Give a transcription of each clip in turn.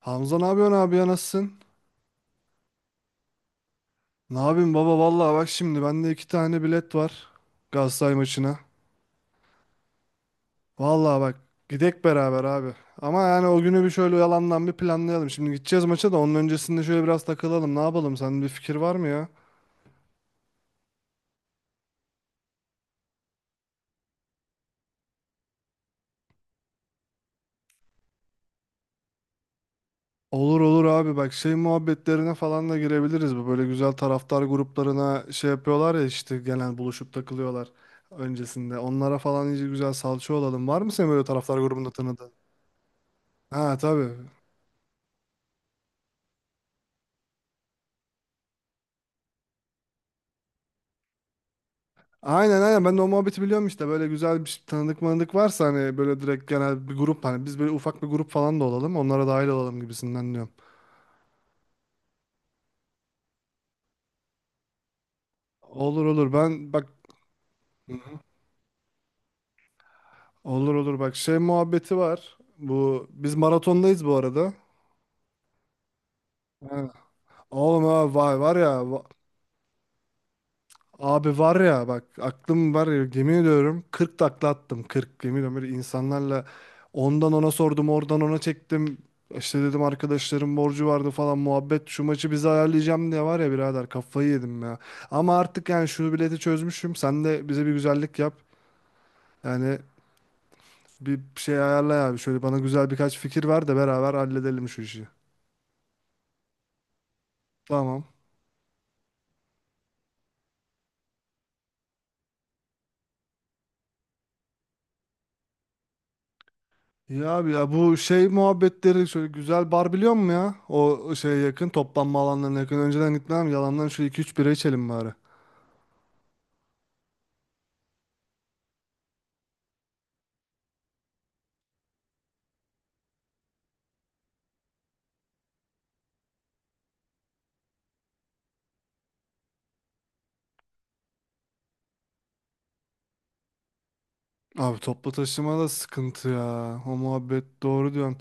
Hamza ne yapıyorsun abi ya nasılsın? Ne yapayım baba, vallahi bak şimdi bende iki tane bilet var, Galatasaray maçına. Vallahi bak, gidek beraber abi. Ama yani o günü bir şöyle yalandan bir planlayalım. Şimdi gideceğiz maça da onun öncesinde şöyle biraz takılalım. Ne yapalım? Senin bir fikir var mı ya? Olur olur abi, bak, şey muhabbetlerine falan da girebiliriz. Bu böyle güzel taraftar gruplarına şey yapıyorlar ya, işte gelen buluşup takılıyorlar öncesinde. Onlara falan iyice güzel salça olalım. Var mı senin böyle taraftar grubunda tanıdığın? Ha, tabii. Aynen aynen, ben de o muhabbeti biliyorum, işte böyle güzel bir tanıdık manıdık varsa, hani böyle direkt genel bir grup, hani biz böyle ufak bir grup falan da olalım, onlara dahil olalım gibisinden diyorum. Olur olur, ben bak olur olur bak, şey muhabbeti var bu, biz maratondayız bu arada. Ha. Oğlum, ha, vay var ya, abi var ya, bak, aklım var ya, yemin ediyorum 40 takla attım, 40, yemin ediyorum böyle insanlarla ondan ona sordum, oradan ona çektim, işte dedim arkadaşlarım borcu vardı falan muhabbet, şu maçı bize ayarlayacağım diye, var ya birader kafayı yedim ya, ama artık yani şu bileti çözmüşüm, sen de bize bir güzellik yap yani, bir şey ayarla abi, şöyle bana güzel birkaç fikir ver de beraber halledelim şu işi. Tamam. Ya abi ya, bu şey muhabbetleri şöyle güzel bar, biliyor musun ya? O şeye yakın, toplanma alanlarına yakın. Önceden gitmem yalandan şu iki üç bira içelim bari. Abi toplu taşıma da sıkıntı ya. O muhabbet, doğru diyorsun.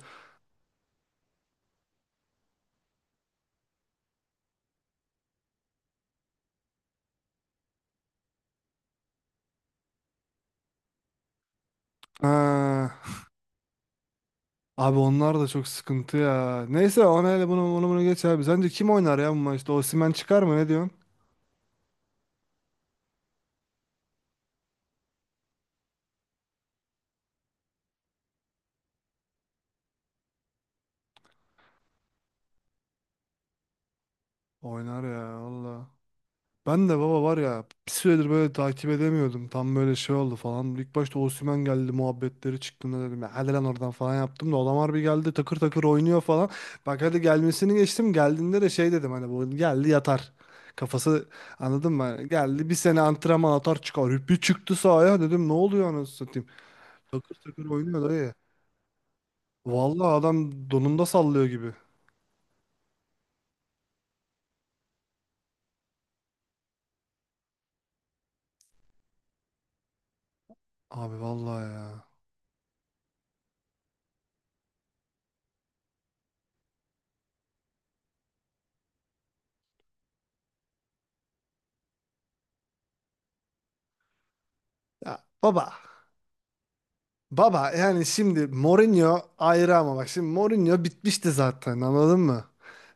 Ha. Abi onlar da çok sıkıntı ya. Neyse, ona hele, bunu bunu bunu geç abi. Sence kim oynar ya bu maçta? Osimhen çıkar mı, ne diyorsun? Oynar ya valla. Ben de baba, var ya bir süredir böyle takip edemiyordum. Tam böyle şey oldu falan. İlk başta Osimhen geldi muhabbetleri çıktığında dedim ya hadi lan oradan falan yaptım da, adam bir geldi, takır takır oynuyor falan. Bak, hadi gelmesini geçtim, geldiğinde de şey dedim, hani bu geldi yatar. Kafası, anladın mı? Geldi bir sene antrenman atar çıkar. Bir çıktı sahaya, dedim ne oluyor anasını satayım. Takır takır oynuyor dayı. Vallahi adam donunda sallıyor gibi. Abi vallahi ya. Ya baba, baba yani şimdi Mourinho ayrı, ama bak şimdi Mourinho bitmişti zaten, anladın mı?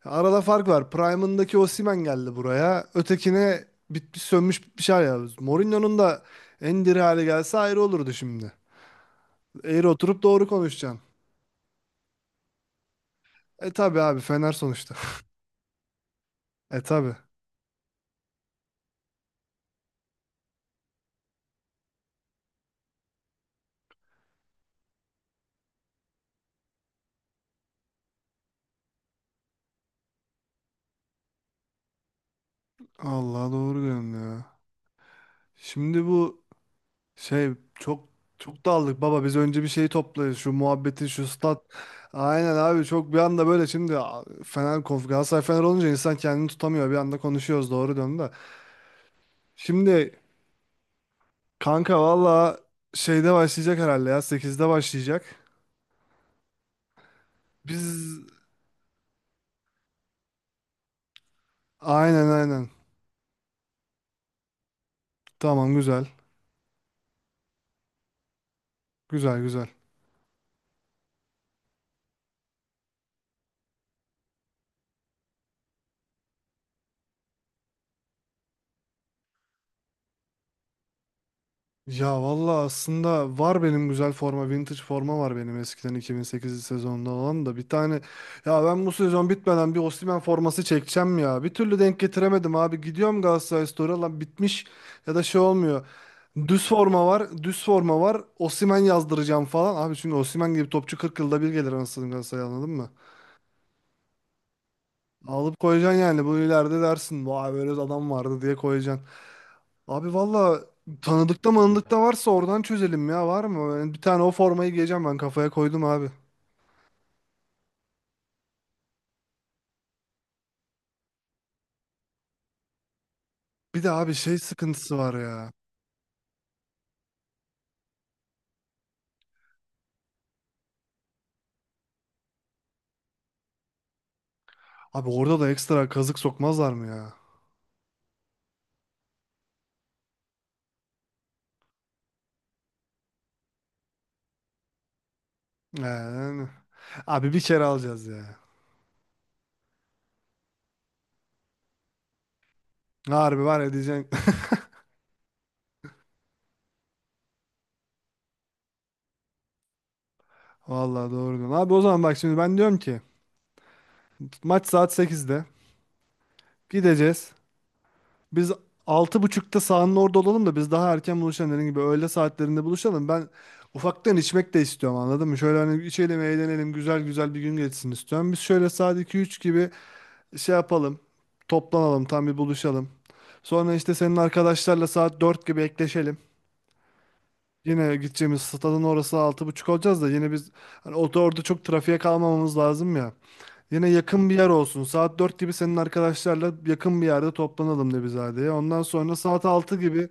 Arada fark var. Prime'ındaki Osimhen geldi buraya. Ötekine bitmiş sönmüş bitmiş hal ya. Mourinho'nun da en diri hali gelse ayrı olurdu şimdi. Eğri oturup doğru konuşacaksın. E tabi abi, Fener sonuçta. E tabi. Allah, doğru diyorsun ya. Şimdi bu şey, çok çok daldık baba, biz önce bir şeyi toplayız, şu muhabbeti, şu stat. Aynen abi, çok bir anda böyle şimdi a- Fener konf Galatasaray Fener olunca insan kendini tutamıyor, bir anda konuşuyoruz, doğru döndü. Şimdi kanka, valla, şeyde başlayacak herhalde ya, 8'de başlayacak. Biz, aynen aynen, tamam, güzel, güzel güzel. Ya valla, aslında var benim güzel forma, vintage forma var benim eskiden, 2008 sezonunda olan da bir tane. Ya ben bu sezon bitmeden bir Osimhen forması çekeceğim ya. Bir türlü denk getiremedim abi. Gidiyorum Galatasaray Store'a, lan bitmiş ya da şey olmuyor. Düz forma var, düz forma var. Osimhen yazdıracağım falan. Abi çünkü Osimhen gibi topçu 40 yılda bir gelir, anasını Galatasaray, anladın mı? Alıp koyacaksın yani bu, ileride dersin vay böyle adam vardı diye koyacaksın. Abi valla, tanıdıkta manıdıkta varsa oradan çözelim ya, var mı? Yani bir tane o formayı giyeceğim, ben kafaya koydum abi. Bir de abi şey sıkıntısı var ya. Abi orada da ekstra kazık sokmazlar mı ya? Yani. Abi bir kere alacağız ya. Harbi, var ya diyeceksin. Valla, doğru diyorsun. Abi o zaman bak şimdi ben diyorum ki, maç saat 8'de gideceğiz. Biz 6.30'da sahanın orada olalım da, biz daha erken buluşalım, dediğim gibi öğle saatlerinde buluşalım. Ben ufaktan içmek de istiyorum, anladın mı? Şöyle hani içelim eğlenelim, güzel güzel bir gün geçsin istiyorum. Biz şöyle saat iki üç gibi şey yapalım, toplanalım, tam bir buluşalım. Sonra işte senin arkadaşlarla saat 4 gibi ekleşelim. Yine gideceğimiz stadın orası 6.30 olacağız da, yine biz hani orada çok trafiğe kalmamamız lazım ya. Yine yakın bir yer olsun. Saat 4 gibi senin arkadaşlarla yakın bir yerde toplanalım, Nebizade'ye. Ondan sonra saat 6 gibi,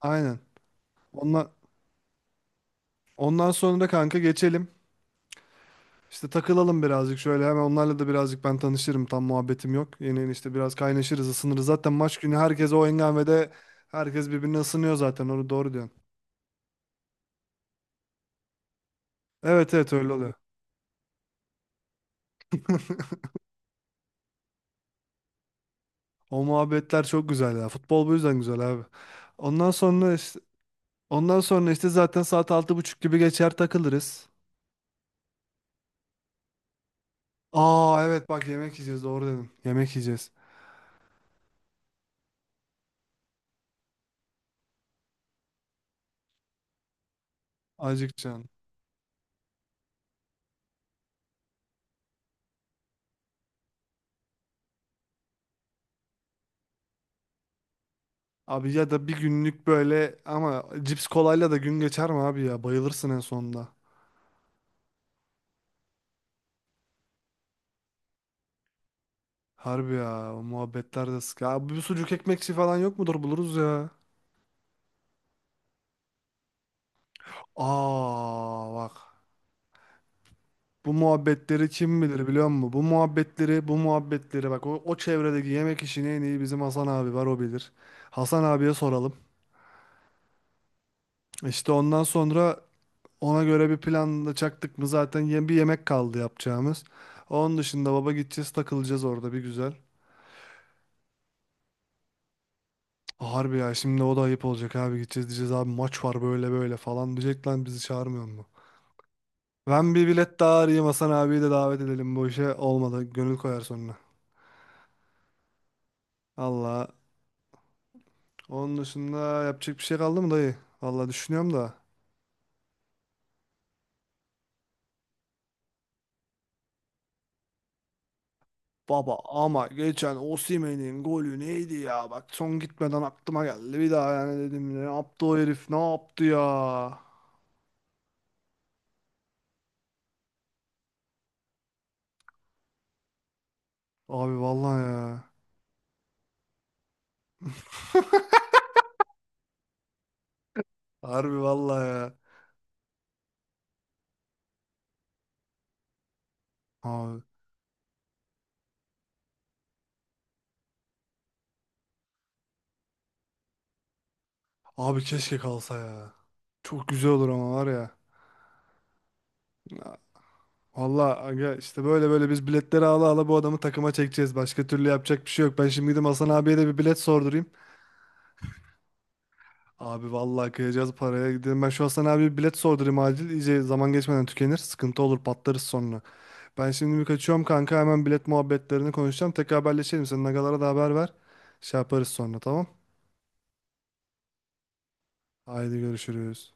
aynen. Ondan, ondan sonra da kanka geçelim. İşte takılalım birazcık şöyle, hemen onlarla da birazcık ben tanışırım, tam muhabbetim yok. Yeni işte biraz kaynaşırız ısınırız. Zaten maç günü herkes o hengamede herkes birbirine ısınıyor zaten, onu doğru diyorsun. Evet evet öyle oluyor. O muhabbetler çok güzel ya. Futbol bu yüzden güzel abi. Ondan sonra işte, ondan sonra işte zaten saat 6.30 gibi geçer takılırız. Aa evet bak yemek yiyeceğiz, doğru dedin. Yemek yiyeceğiz. Acıkacaksın. Abi ya da bir günlük böyle ama cips kolayla da gün geçer mi abi ya? Bayılırsın en sonunda. Harbi ya, o muhabbetler de sık. Ya bir sucuk ekmekçi falan yok mudur, buluruz ya. Aa bak. Bu muhabbetleri kim bilir biliyor musun? Bu muhabbetleri bu muhabbetleri bak, o çevredeki yemek işini en iyi bizim Hasan abi var, o bilir. Hasan abiye soralım. İşte ondan sonra ona göre bir planla çaktık mı zaten, yem bir yemek kaldı yapacağımız. Onun dışında baba gideceğiz, takılacağız orada bir güzel. Harbi ya şimdi o da ayıp olacak abi, gideceğiz diyeceğiz abi maç var böyle böyle falan, diyecek lan bizi çağırmıyor mu? Ben bir bilet daha arayayım, Hasan abiyi de davet edelim bu işe, olmadı gönül koyar sonra. Allah, onun dışında yapacak bir şey kaldı mı dayı? Valla düşünüyorum da. Baba ama geçen Osimhen'in golü neydi ya? Bak son gitmeden aklıma geldi bir daha, yani dedim ne yaptı o herif, ne yaptı ya? Abi vallahi ya. Harbi vallahi ya. Abi, abi keşke kalsa ya. Çok güzel olur ama var ya. Ya, vallahi aga, işte böyle böyle biz biletleri ala ala bu adamı takıma çekeceğiz. Başka türlü yapacak bir şey yok. Ben şimdi gidip Hasan abiye de bir bilet sordurayım. Abi vallahi kıyacağız paraya. Gidelim, ben şu Hasan abiye bir bilet sordurayım acil. İyice zaman geçmeden tükenir. Sıkıntı olur, patlarız sonra. Ben şimdi bir kaçıyorum kanka, hemen bilet muhabbetlerini konuşacağım. Tekrar haberleşelim. Sen agalara da haber ver. Şey yaparız sonra, tamam. Haydi görüşürüz.